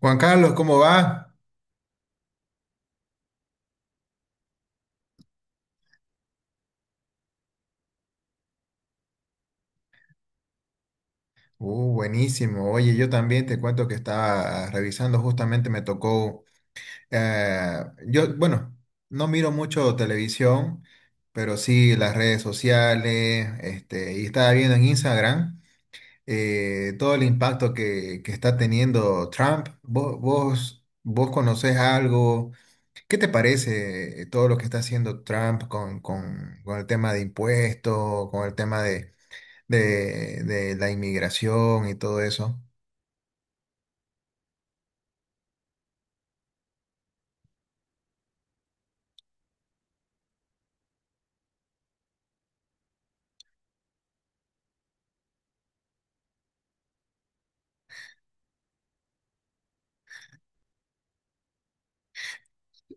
Juan Carlos, ¿cómo va? Buenísimo. Oye, yo también te cuento que estaba revisando, justamente me tocó, yo, bueno, no miro mucho televisión, pero sí las redes sociales, y estaba viendo en Instagram todo el impacto que está teniendo Trump. ¿Vos conocés algo? ¿Qué te parece todo lo que está haciendo Trump con el tema de impuestos, con el tema de de la inmigración y todo eso?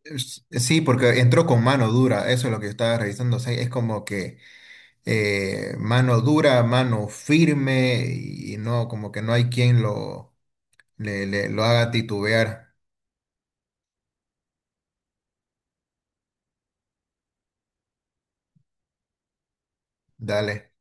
Sí, porque entró con mano dura, eso es lo que yo estaba revisando. O sea, es como que mano dura, mano firme y no, como que no hay quien lo haga titubear. Dale.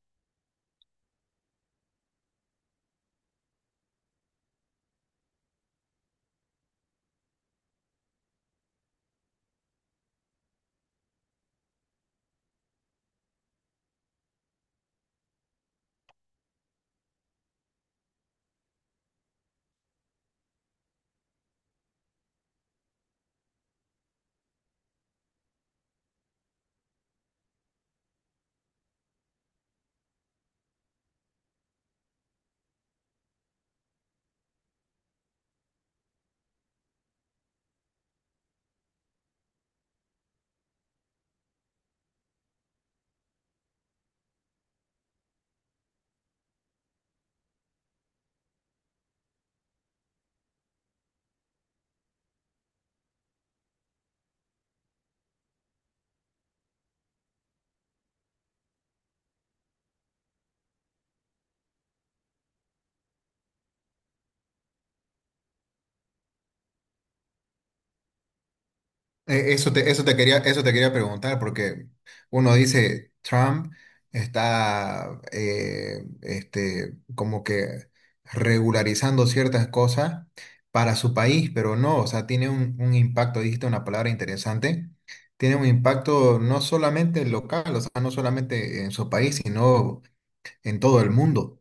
Eso te quería preguntar, porque uno dice Trump está como que regularizando ciertas cosas para su país, pero no, o sea, tiene un impacto, dijiste una palabra interesante, tiene un impacto no solamente local, o sea, no solamente en su país, sino en todo el mundo.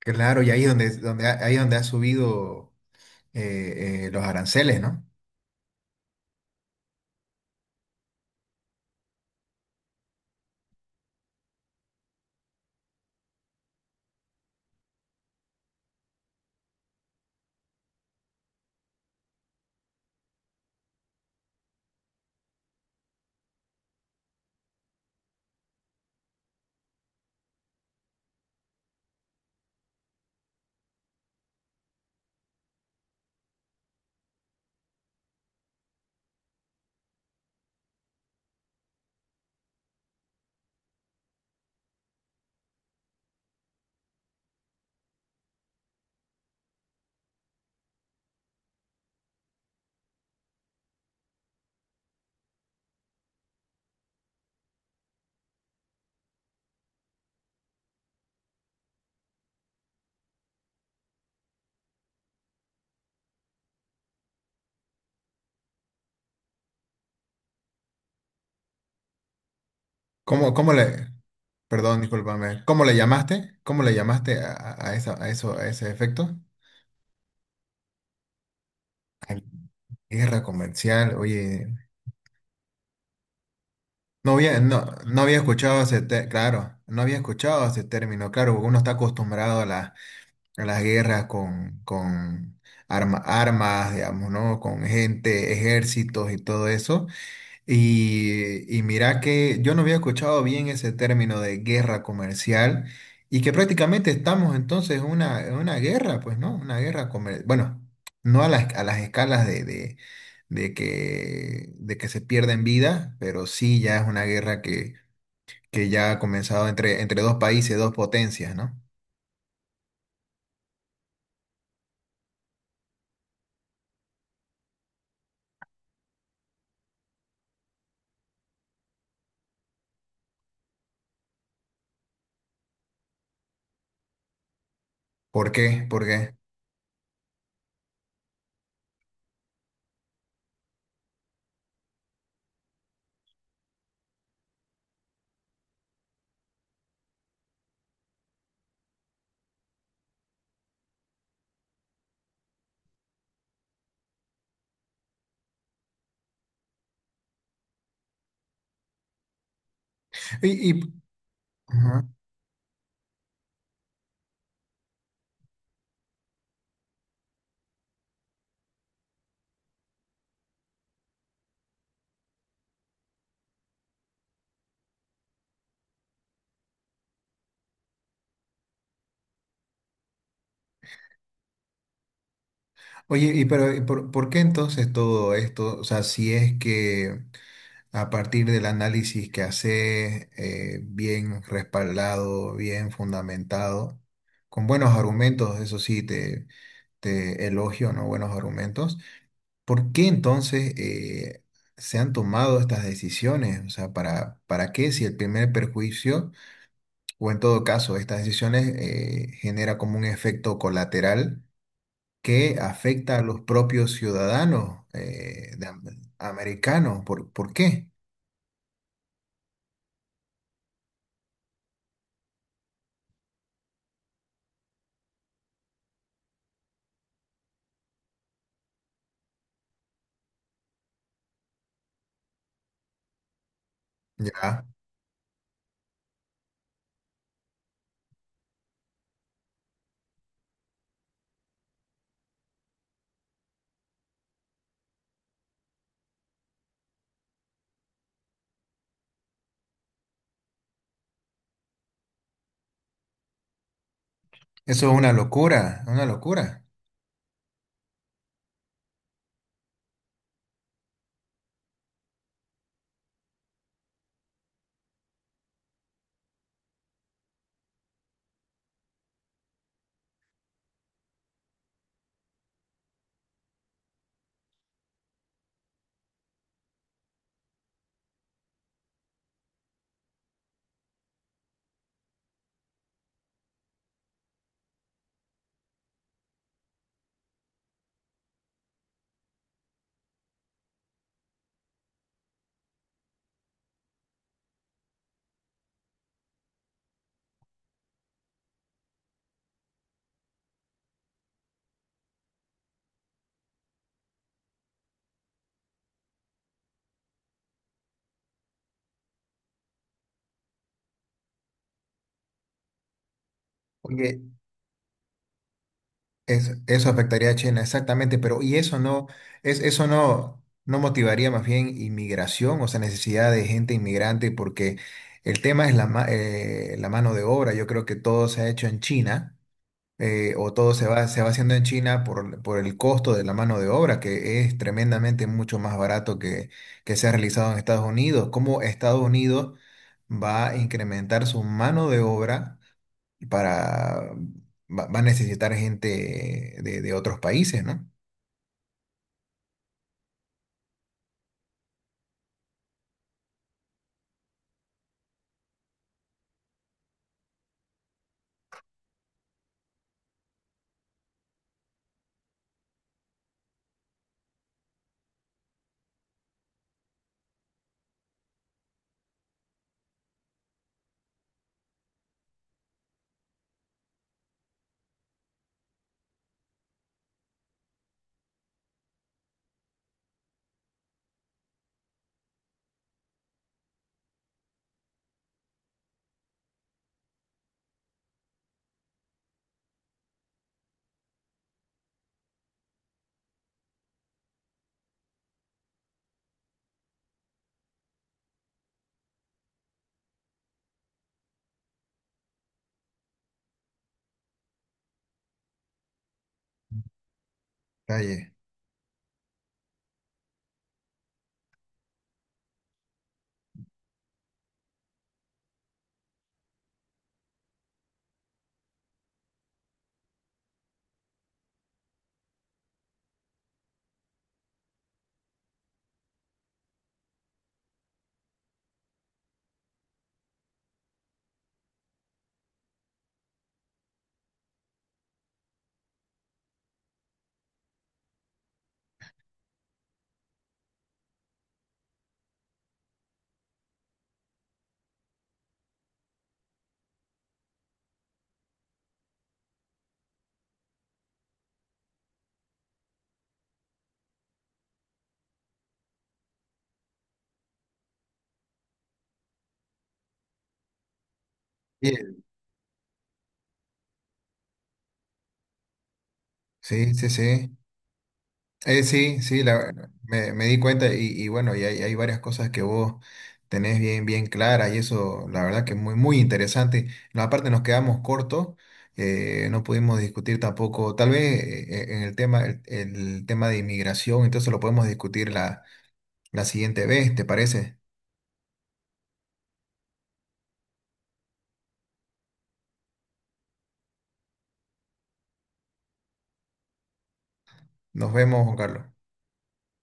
Claro, y ahí es ahí es donde ha subido los aranceles, ¿no? ¿Cómo, cómo le, perdón, discúlpame, ¿cómo le llamaste? ¿Cómo le llamaste a esa, a eso, a ese efecto? A guerra comercial, oye, no había, no había escuchado ese, claro, no había escuchado ese término, claro, porque uno está acostumbrado a las guerras con armas, digamos, ¿no? Con gente, ejércitos y todo eso. Y mira que yo no había escuchado bien ese término de guerra comercial y que prácticamente estamos entonces en una guerra, pues, ¿no? Una guerra comercial. Bueno, no a las, a las escalas de que se pierden vidas, pero sí ya es una guerra que ya ha comenzado entre, entre dos países, dos potencias, ¿no? ¿Por qué? ¿Por qué? Y- ajá. Oye, y pero ¿y por qué entonces todo esto? O sea, si es que... A partir del análisis que haces, bien respaldado, bien fundamentado, con buenos argumentos, eso sí, te elogio, ¿no? Buenos argumentos. ¿Por qué entonces se han tomado estas decisiones? O sea, para qué si el primer perjuicio, o en todo caso, estas decisiones genera como un efecto colateral que afecta a los propios ciudadanos americanos? Por qué? Ya. Eso es una locura, una locura. Oye, eso afectaría a China, exactamente, pero ¿y eso no, eso no, no motivaría más bien inmigración, o sea, necesidad de gente inmigrante? Porque el tema es la mano de obra. Yo creo que todo se ha hecho en China, o todo se se va haciendo en China por el costo de la mano de obra, que es tremendamente mucho más barato que se ha realizado en Estados Unidos. ¿Cómo Estados Unidos va a incrementar su mano de obra? Para va a necesitar gente de otros países, ¿no? Calle. Bien. Sí, sí, sí. Sí, sí, me di cuenta y bueno, y hay varias cosas que vos tenés bien, bien claras y eso, la verdad que es muy, muy interesante. No, aparte nos quedamos cortos, no pudimos discutir tampoco, tal vez en el tema, el tema de inmigración, entonces lo podemos discutir la siguiente vez, ¿te parece? Nos vemos, Juan Carlos.